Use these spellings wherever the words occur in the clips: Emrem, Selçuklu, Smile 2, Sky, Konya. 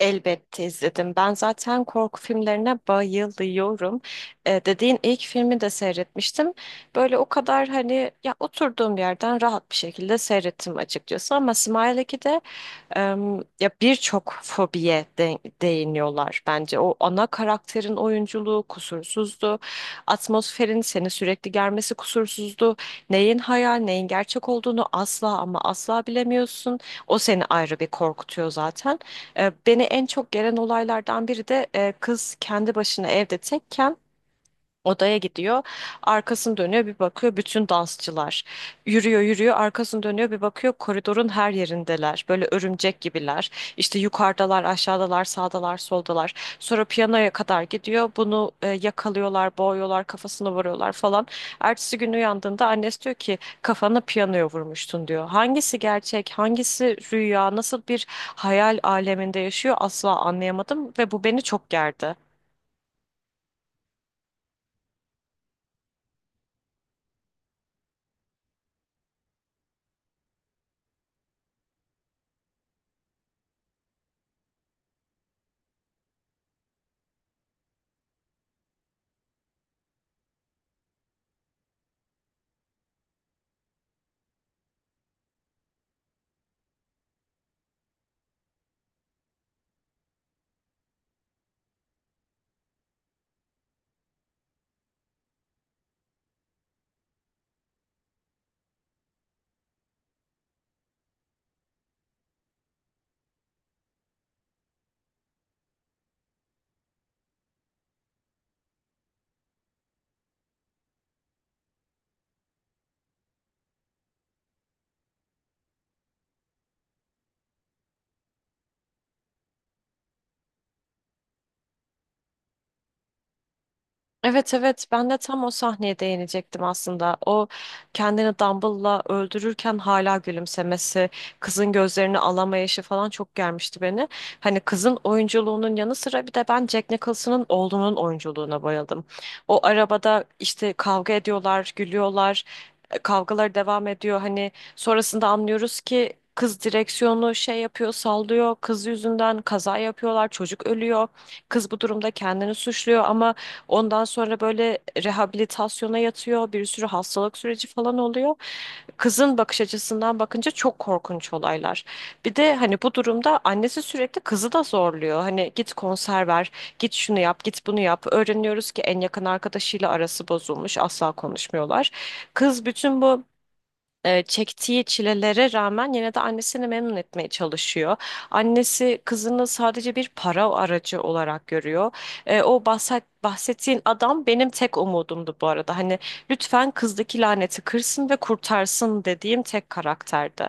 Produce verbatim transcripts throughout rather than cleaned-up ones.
Elbette izledim. Ben zaten korku filmlerine bayılıyorum. Ee, dediğin ilk filmi de seyretmiştim. Böyle o kadar hani ya oturduğum yerden rahat bir şekilde seyrettim açıkçası. Ama Smile ikide em, ya birçok fobiye de- değiniyorlar bence. O ana karakterin oyunculuğu kusursuzdu. Atmosferin seni sürekli germesi kusursuzdu. Neyin hayal, neyin gerçek olduğunu asla ama asla bilemiyorsun. O seni ayrı bir korkutuyor zaten. E, beni en çok gelen olaylardan biri de e, kız kendi başına evde tekken odaya gidiyor. Arkasını dönüyor, bir bakıyor, bütün dansçılar. Yürüyor yürüyor, arkasını dönüyor, bir bakıyor, koridorun her yerindeler. Böyle örümcek gibiler. İşte yukarıdalar, aşağıdalar, sağdalar, soldalar. Sonra piyanoya kadar gidiyor. Bunu e, yakalıyorlar, boğuyorlar, kafasına vuruyorlar falan. Ertesi gün uyandığında annesi diyor ki kafana piyanoya vurmuştun diyor. Hangisi gerçek, hangisi rüya, nasıl bir hayal aleminde yaşıyor asla anlayamadım ve bu beni çok gerdi. Evet evet, ben de tam o sahneye değinecektim aslında. O kendini Dumble'la öldürürken hala gülümsemesi, kızın gözlerini alamayışı falan çok gelmişti beni. Hani kızın oyunculuğunun yanı sıra bir de ben Jack Nicholson'ın oğlunun oyunculuğuna bayıldım. O arabada işte kavga ediyorlar, gülüyorlar, e, kavgalar devam ediyor. Hani sonrasında anlıyoruz ki kız direksiyonu şey yapıyor, sallıyor. Kız yüzünden kaza yapıyorlar, çocuk ölüyor. Kız bu durumda kendini suçluyor ama ondan sonra böyle rehabilitasyona yatıyor, bir sürü hastalık süreci falan oluyor. Kızın bakış açısından bakınca çok korkunç olaylar. Bir de hani bu durumda annesi sürekli kızı da zorluyor. Hani git konser ver, git şunu yap, git bunu yap. Öğreniyoruz ki en yakın arkadaşıyla arası bozulmuş, asla konuşmuyorlar. Kız bütün bu e, çektiği çilelere rağmen yine de annesini memnun etmeye çalışıyor. Annesi kızını sadece bir para aracı olarak görüyor. E, o bahset, bahsettiğin adam benim tek umudumdu bu arada. Hani lütfen kızdaki laneti kırsın ve kurtarsın dediğim tek karakterdi.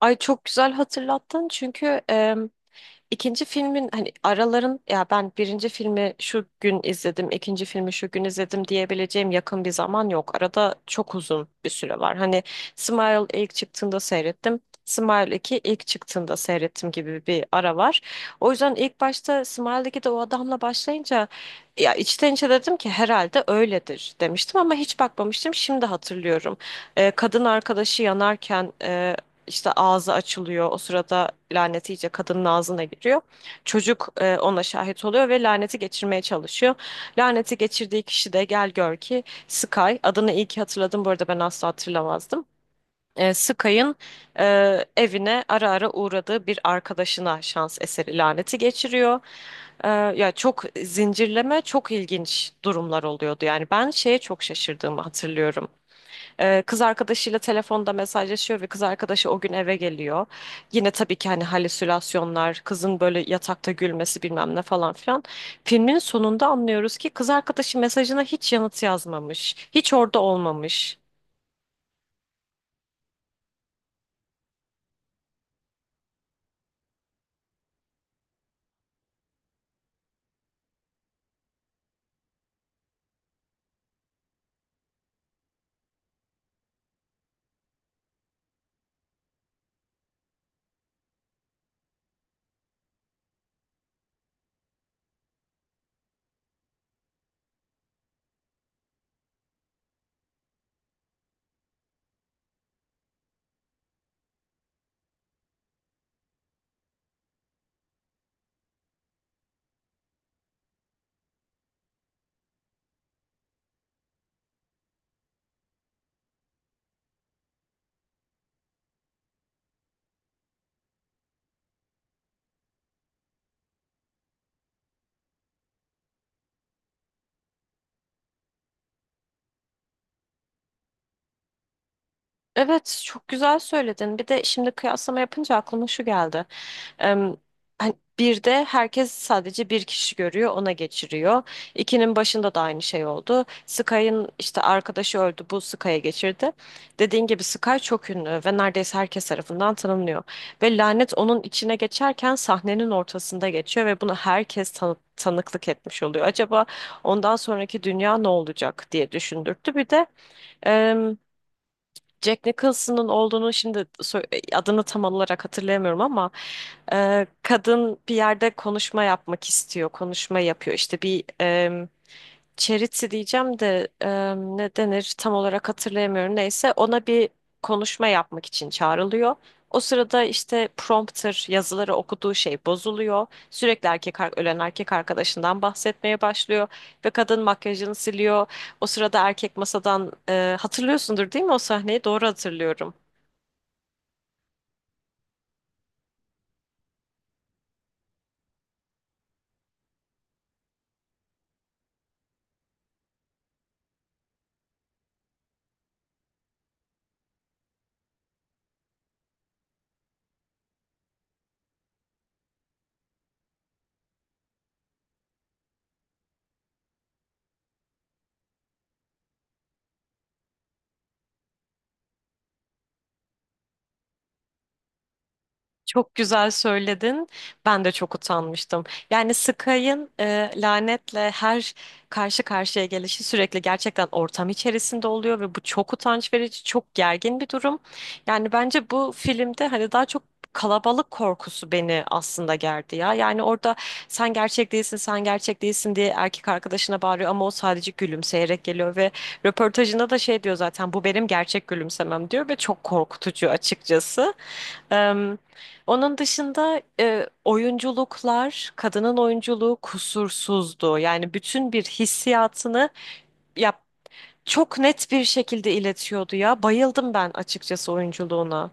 Ay, çok güzel hatırlattın çünkü em, İkinci filmin hani araların ya ben birinci filmi şu gün izledim, ikinci filmi şu gün izledim diyebileceğim yakın bir zaman yok. Arada çok uzun bir süre var. Hani Smile ilk çıktığında seyrettim. Smile iki ilk çıktığında seyrettim gibi bir ara var. O yüzden ilk başta Smile'deki de o adamla başlayınca ya içten içe dedim ki herhalde öyledir demiştim ama hiç bakmamıştım. Şimdi hatırlıyorum. Ee, kadın arkadaşı yanarken işte ağzı açılıyor. O sırada lanet iyice kadının ağzına giriyor. Çocuk e, ona şahit oluyor ve laneti geçirmeye çalışıyor. Laneti geçirdiği kişi de gel gör ki Sky. Adını iyi ki hatırladım bu arada, ben asla hatırlamazdım. E, Sky'ın e, evine ara ara uğradığı bir arkadaşına şans eseri laneti geçiriyor. E, ya çok zincirleme, çok ilginç durumlar oluyordu. Yani ben şeye çok şaşırdığımı hatırlıyorum. Ee, kız arkadaşıyla telefonda mesajlaşıyor ve kız arkadaşı o gün eve geliyor. Yine tabii ki hani halüsinasyonlar, kızın böyle yatakta gülmesi bilmem ne falan filan. Filmin sonunda anlıyoruz ki kız arkadaşı mesajına hiç yanıt yazmamış. Hiç orada olmamış. Evet, çok güzel söyledin. Bir de şimdi kıyaslama yapınca aklıma şu geldi. Em, hani bir de herkes sadece bir kişi görüyor, ona geçiriyor. İkinin başında da aynı şey oldu. Sky'ın işte arkadaşı öldü, bu Sky'a geçirdi. Dediğin gibi Sky çok ünlü ve neredeyse herkes tarafından tanınıyor. Ve lanet onun içine geçerken sahnenin ortasında geçiyor ve bunu herkes tanı- tanıklık etmiş oluyor. Acaba ondan sonraki dünya ne olacak diye düşündürttü. Bir de Jack Nicholson'ın olduğunu şimdi sö- e, adını tam olarak hatırlayamıyorum ama e, kadın bir yerde konuşma yapmak istiyor, konuşma yapıyor. İşte bir charity diyeceğim de e, ne denir tam olarak hatırlayamıyorum. Neyse ona bir konuşma yapmak için çağrılıyor. O sırada işte prompter yazıları okuduğu şey bozuluyor. Sürekli erkek ar- ölen erkek arkadaşından bahsetmeye başlıyor ve kadın makyajını siliyor. O sırada erkek masadan e, hatırlıyorsundur değil mi o sahneyi? Doğru hatırlıyorum. Çok güzel söyledin. Ben de çok utanmıştım. Yani Sky'ın e, lanetle her karşı karşıya gelişi sürekli gerçekten ortam içerisinde oluyor ve bu çok utanç verici, çok gergin bir durum. Yani bence bu filmde hani daha çok kalabalık korkusu beni aslında gerdi ya. Yani orada sen gerçek değilsin, sen gerçek değilsin diye erkek arkadaşına bağırıyor ama o sadece gülümseyerek geliyor ve röportajında da şey diyor zaten, bu benim gerçek gülümsemem diyor ve çok korkutucu açıkçası. Em, onun dışında e, oyunculuklar, kadının oyunculuğu kusursuzdu. Yani bütün bir hissiyatını ya çok net bir şekilde iletiyordu ya. Bayıldım ben açıkçası oyunculuğuna.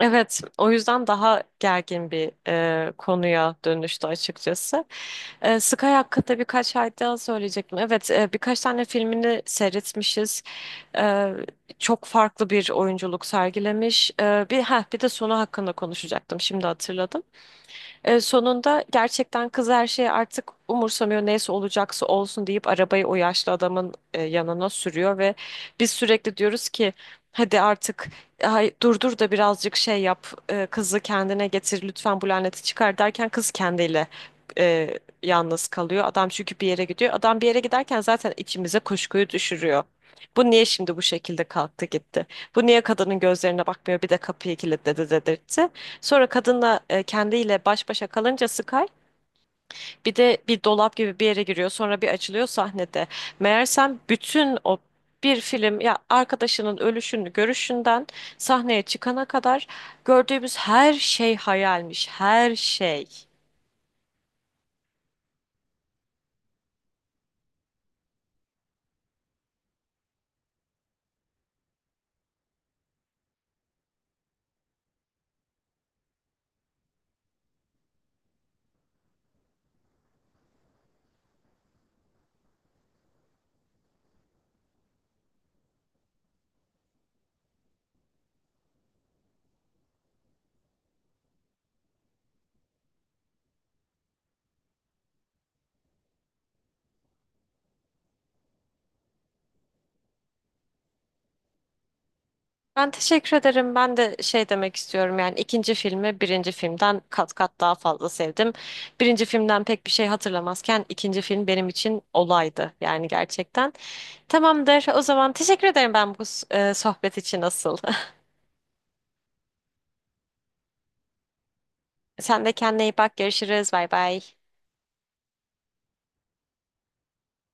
Evet, o yüzden daha gergin bir e, konuya dönüştü açıkçası. E, Sky hakkında birkaç ay daha söyleyecektim. Evet, e, birkaç tane filmini seyretmişiz. E, Çok farklı bir oyunculuk sergilemiş. E, bir ha bir de sonu hakkında konuşacaktım. Şimdi hatırladım. E, sonunda gerçekten kız her şeyi artık umursamıyor, neyse olacaksa olsun deyip arabayı o yaşlı adamın e, yanına sürüyor ve biz sürekli diyoruz ki hadi artık ay, durdur da birazcık şey yap, e, kızı kendine getir lütfen bu laneti çıkar derken kız kendiyle e, yalnız kalıyor. Adam çünkü bir yere gidiyor. Adam bir yere giderken zaten içimize kuşkuyu düşürüyor. Bu niye şimdi bu şekilde kalktı gitti? Bu niye kadının gözlerine bakmıyor, bir de kapıyı kilitledi dedirtti. Sonra kadınla e, kendiyle baş başa kalınca Sky bir de bir dolap gibi bir yere giriyor. Sonra bir açılıyor sahnede. Meğersem bütün o bir film ya arkadaşının ölüşünü görüşünden sahneye çıkana kadar gördüğümüz her şey hayalmiş. Her şey. Ben teşekkür ederim. Ben de şey demek istiyorum, yani ikinci filmi birinci filmden kat kat daha fazla sevdim. Birinci filmden pek bir şey hatırlamazken ikinci film benim için olaydı yani gerçekten. Tamamdır. O zaman teşekkür ederim ben bu s- e, sohbet için asıl. Sen de kendine iyi bak. Görüşürüz. Bay bay.